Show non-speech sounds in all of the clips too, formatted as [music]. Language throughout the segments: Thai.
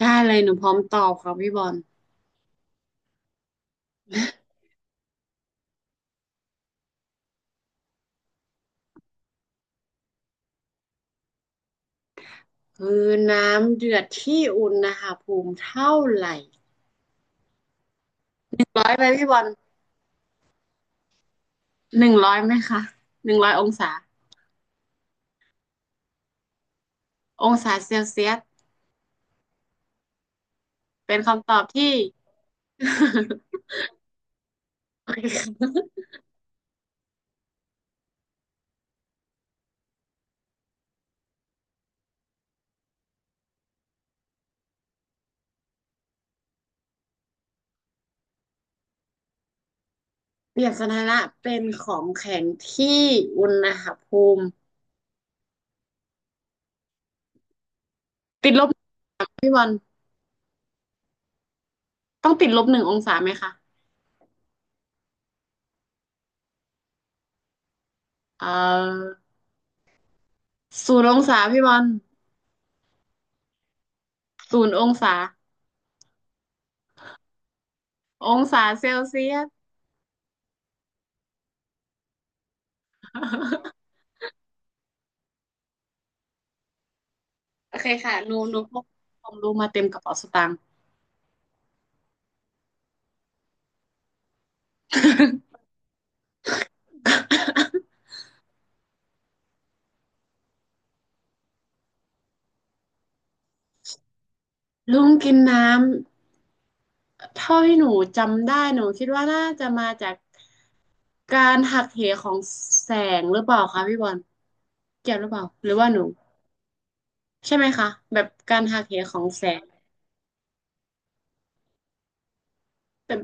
ได้เลยหนูพร้อมตอบครับพี่บอลคือน้ำเดือดที่อุณหภูมิเท่าไหร่ร้อยไหมพี่บอลหนึ่งร้อยไหมคะ100 องศาองศาเซลเซียสเป็นคำตอบที่ [laughs] โอเคคะเปลียนสถานะเป็นของแข็งที่อุณหภูมิติดลบพี่บอลต้อง-1 องศาไหมคะเอ่อศูนย์องศาพี่บอลศูนย์องศาองศาเซลเซียส โอเคค่ะหนูพกของลุงมาเต็มกระเป๋าสตางค์ [laughs] ลุงกินน้ำเท่าที่หนูจำได้หนูคิดว่าน่าจะมาจากการหักเหของแสงหรือเปล่าคะพี่บอลเกี่ยวหรือเปล่าหรือว่าหนูใช่ไหมคะแบบการหักเหของแสงแบบ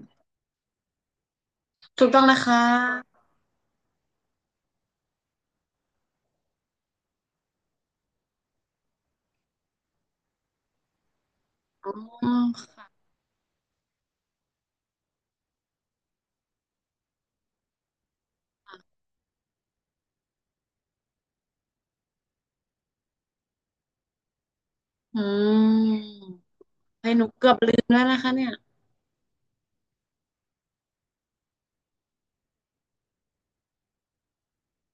ถูกต้องนะคะอ๋อค่ะอืมให้หนูเกือบลืมแล้วนะคะเนี่ย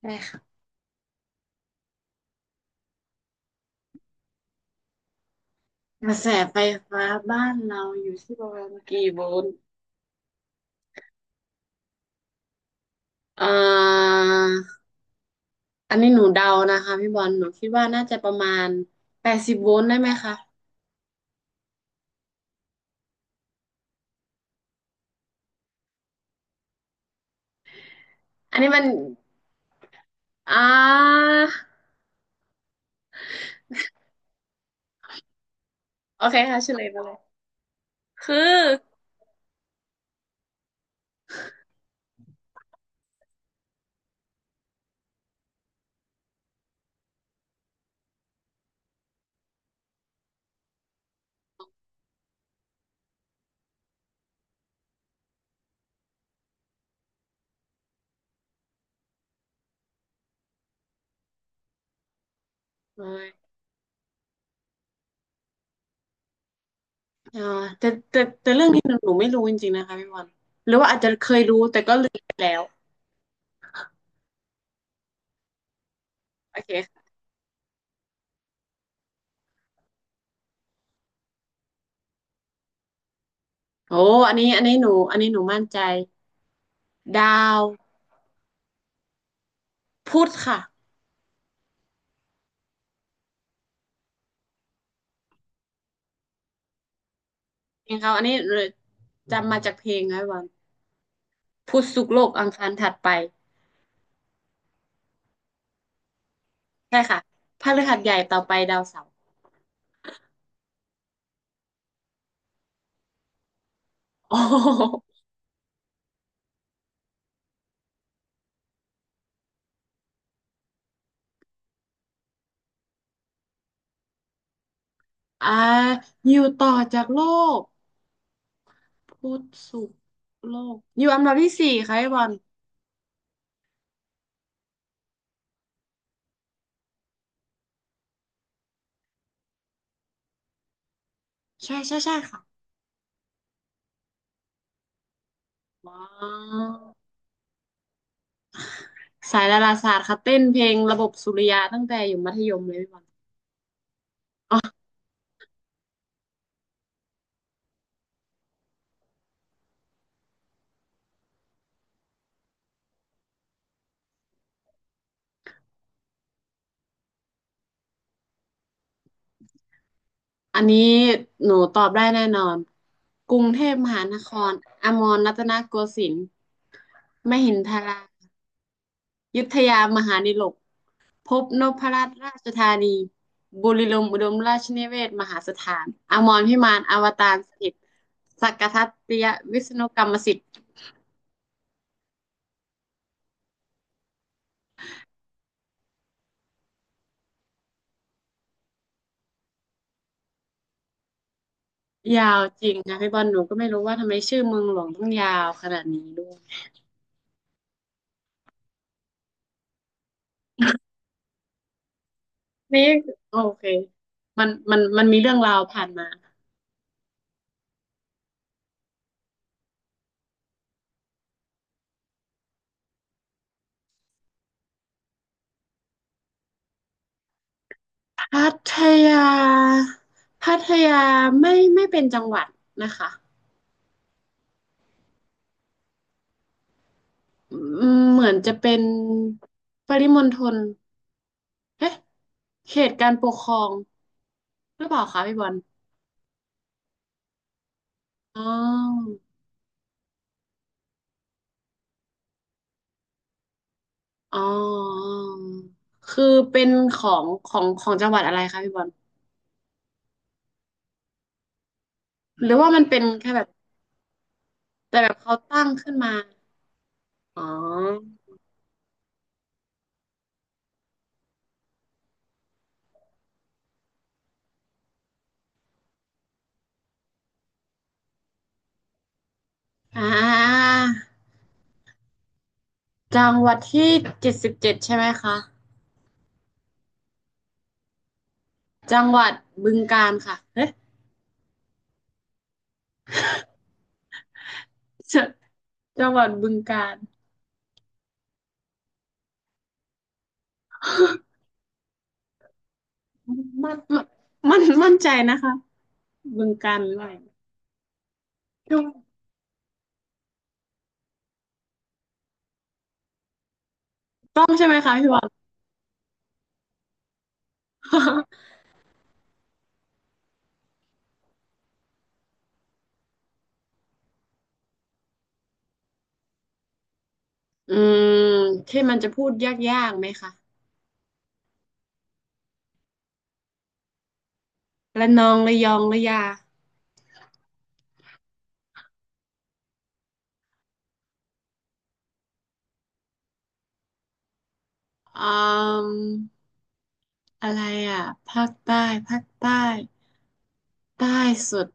ได้ค่ะกระแสไฟฟ้าบ้านเราอยู่ที่ประมาณกี่โวลต์อ่า อันนี้หนูเดานะคะพี่บอลหนูคิดว่าน่าจะประมาณ80 โวลต์ได้ไหมคะอันนี้มันอ่าโอเคค่ะเฉลยมาเลยคือโอ้ยอ่าแต่เรื่องนี้หนูไม่รู้จริงๆนะคะพี่บอลหรือว่าอาจจะเคยรู้แต่ก็ลืมไปแล้วโอเคค่ะโอ้อันนี้หนูมั่นใจดาวพุธค่ะจริงเขาอันนี้จำมาจากเพลงนะพี่บอลพุธศุกร์โลกอังคารถัดไปใช่ค่ะพฤหัสใหญ่ต่อไปดาวเสาร์โอ้ อ่าอยู่ต่อจากโลกพุธศุกร์โลกอยู่อันดับที่4ค่ะพีบอลใช่ค่ะว้าวสายดาราศาสตร์ค่ะเต้นเพลงระบบสุริยะตั้งแต่อยู่มัธยมเลยพี่บอลอ๋ออันนี้หนูตอบได้แน่นอนกรุงเทพมหานครอมรรัตนโกสินทร์มหินทรายุทธยามหานิลก พบนพรัตน์ราชธานีบุรีลมย์อุดมราชนิเวศน์มหาสถานอมรพิมานอวตารสถิตสักกทัตติยวิษณุกรรมสิทธิ์ยาวจริงนะพี่บอลหนูก็ไม่รู้ว่าทำไมชื่อเมืองหลวงต้องยาวขนาดนี้ด้วยนี่โอเคมันมีเรื่องราวผ่านมาพัทยาพัทยาไม่เป็นจังหวัดนะคะอืมเหมือนจะเป็นปริมณฑลเอ๊ะเขตการปกครอง หรือเปล่าคะพี่บอลอ๋ออ๋อคือเป็นของจังหวัดอะไรคะพี่บอลหรือว่ามันเป็นแค่แบบแต่แบบเขาตั้งขึ้นมาอ๋ออ่าจังหวัดที่77ใช่ไหมคะจังหวัดบึงกาฬค่ะเอ๊ะจจังหวัดบึงกาฬมันมันมันมั่นใจนะคะบึงกาฬหรืออะไรถูกต้องใช่ไหมคะพี่บอล [laughs] อืมที่มันจะพูดยากๆไหมคะ ระนองระยองระยาอืมอะไรอ่ะภาคใต้ภาคใต้ใต้สุด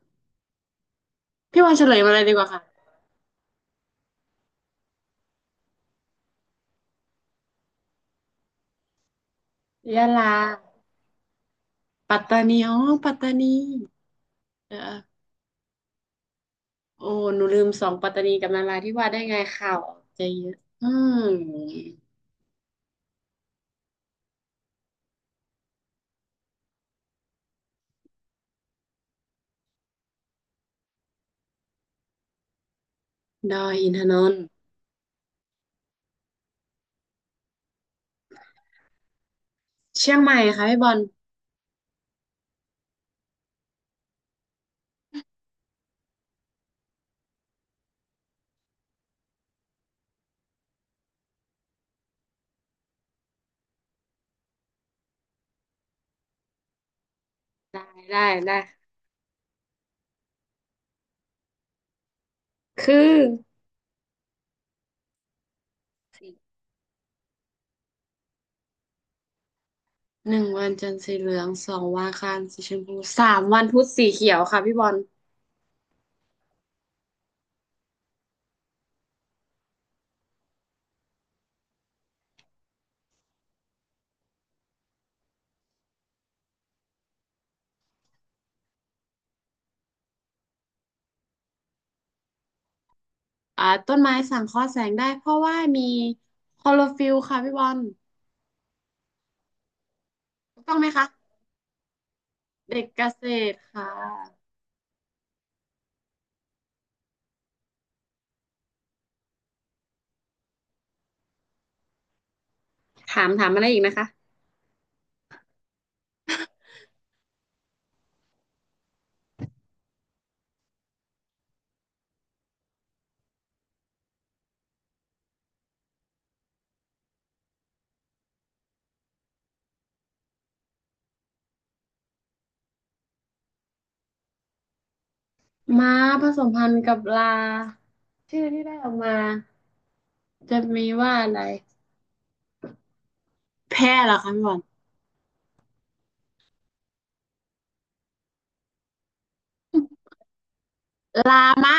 พี่ว่นเฉลยมาเลยดีกว่าค่ะยะลาปัตตานีปัตตานีเออโอ้หนูลืมสองปัตตานีกับนาราธิวาสได้ไงข่าวออกจะเยอะอืมดอยอินทนนท์เชียงใหม่ค่ะพี่บอลได้ได้ได้คือ1 วันจันทร์สีเหลือง2 วันอังคารสีชมพู3 วันพุธสีเขียวค่ะพี่บอล ต้นไม้สังเคราะห์แสงได้เพราะว่ามีคลอโรฟิลล์ค่ะพี่บอลถูกต้องไหมคะเด็กเกษตรค่ะถามถามอะไรอีกนะคะม้าผสมพันธุ์กับลาชื่อที่ได้ออกมาจะมีว่าอะไรแพะเหรอคะพี่บอลลามะ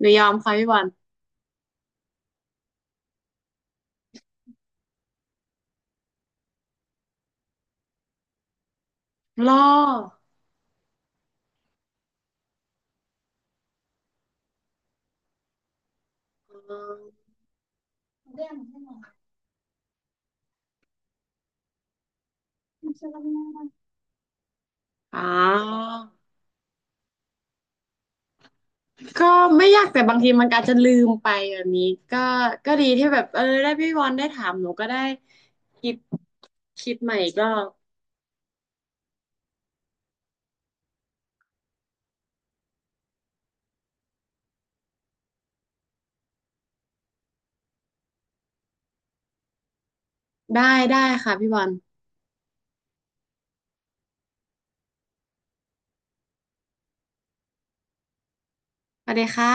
หนูยอมค่ะพี่บอลล่ออ๋ออ๋อ ก็ไม่ยากแต่บางทีมันอาจจะลืมไปแบบนี้ก็ก็ดีที่แบบเออได้พี่บอลได้ถามหนูก็ได้คิดคิดใหม่อีก็ได้ได้ค่ะพี่บอลสวัสดีค่ะ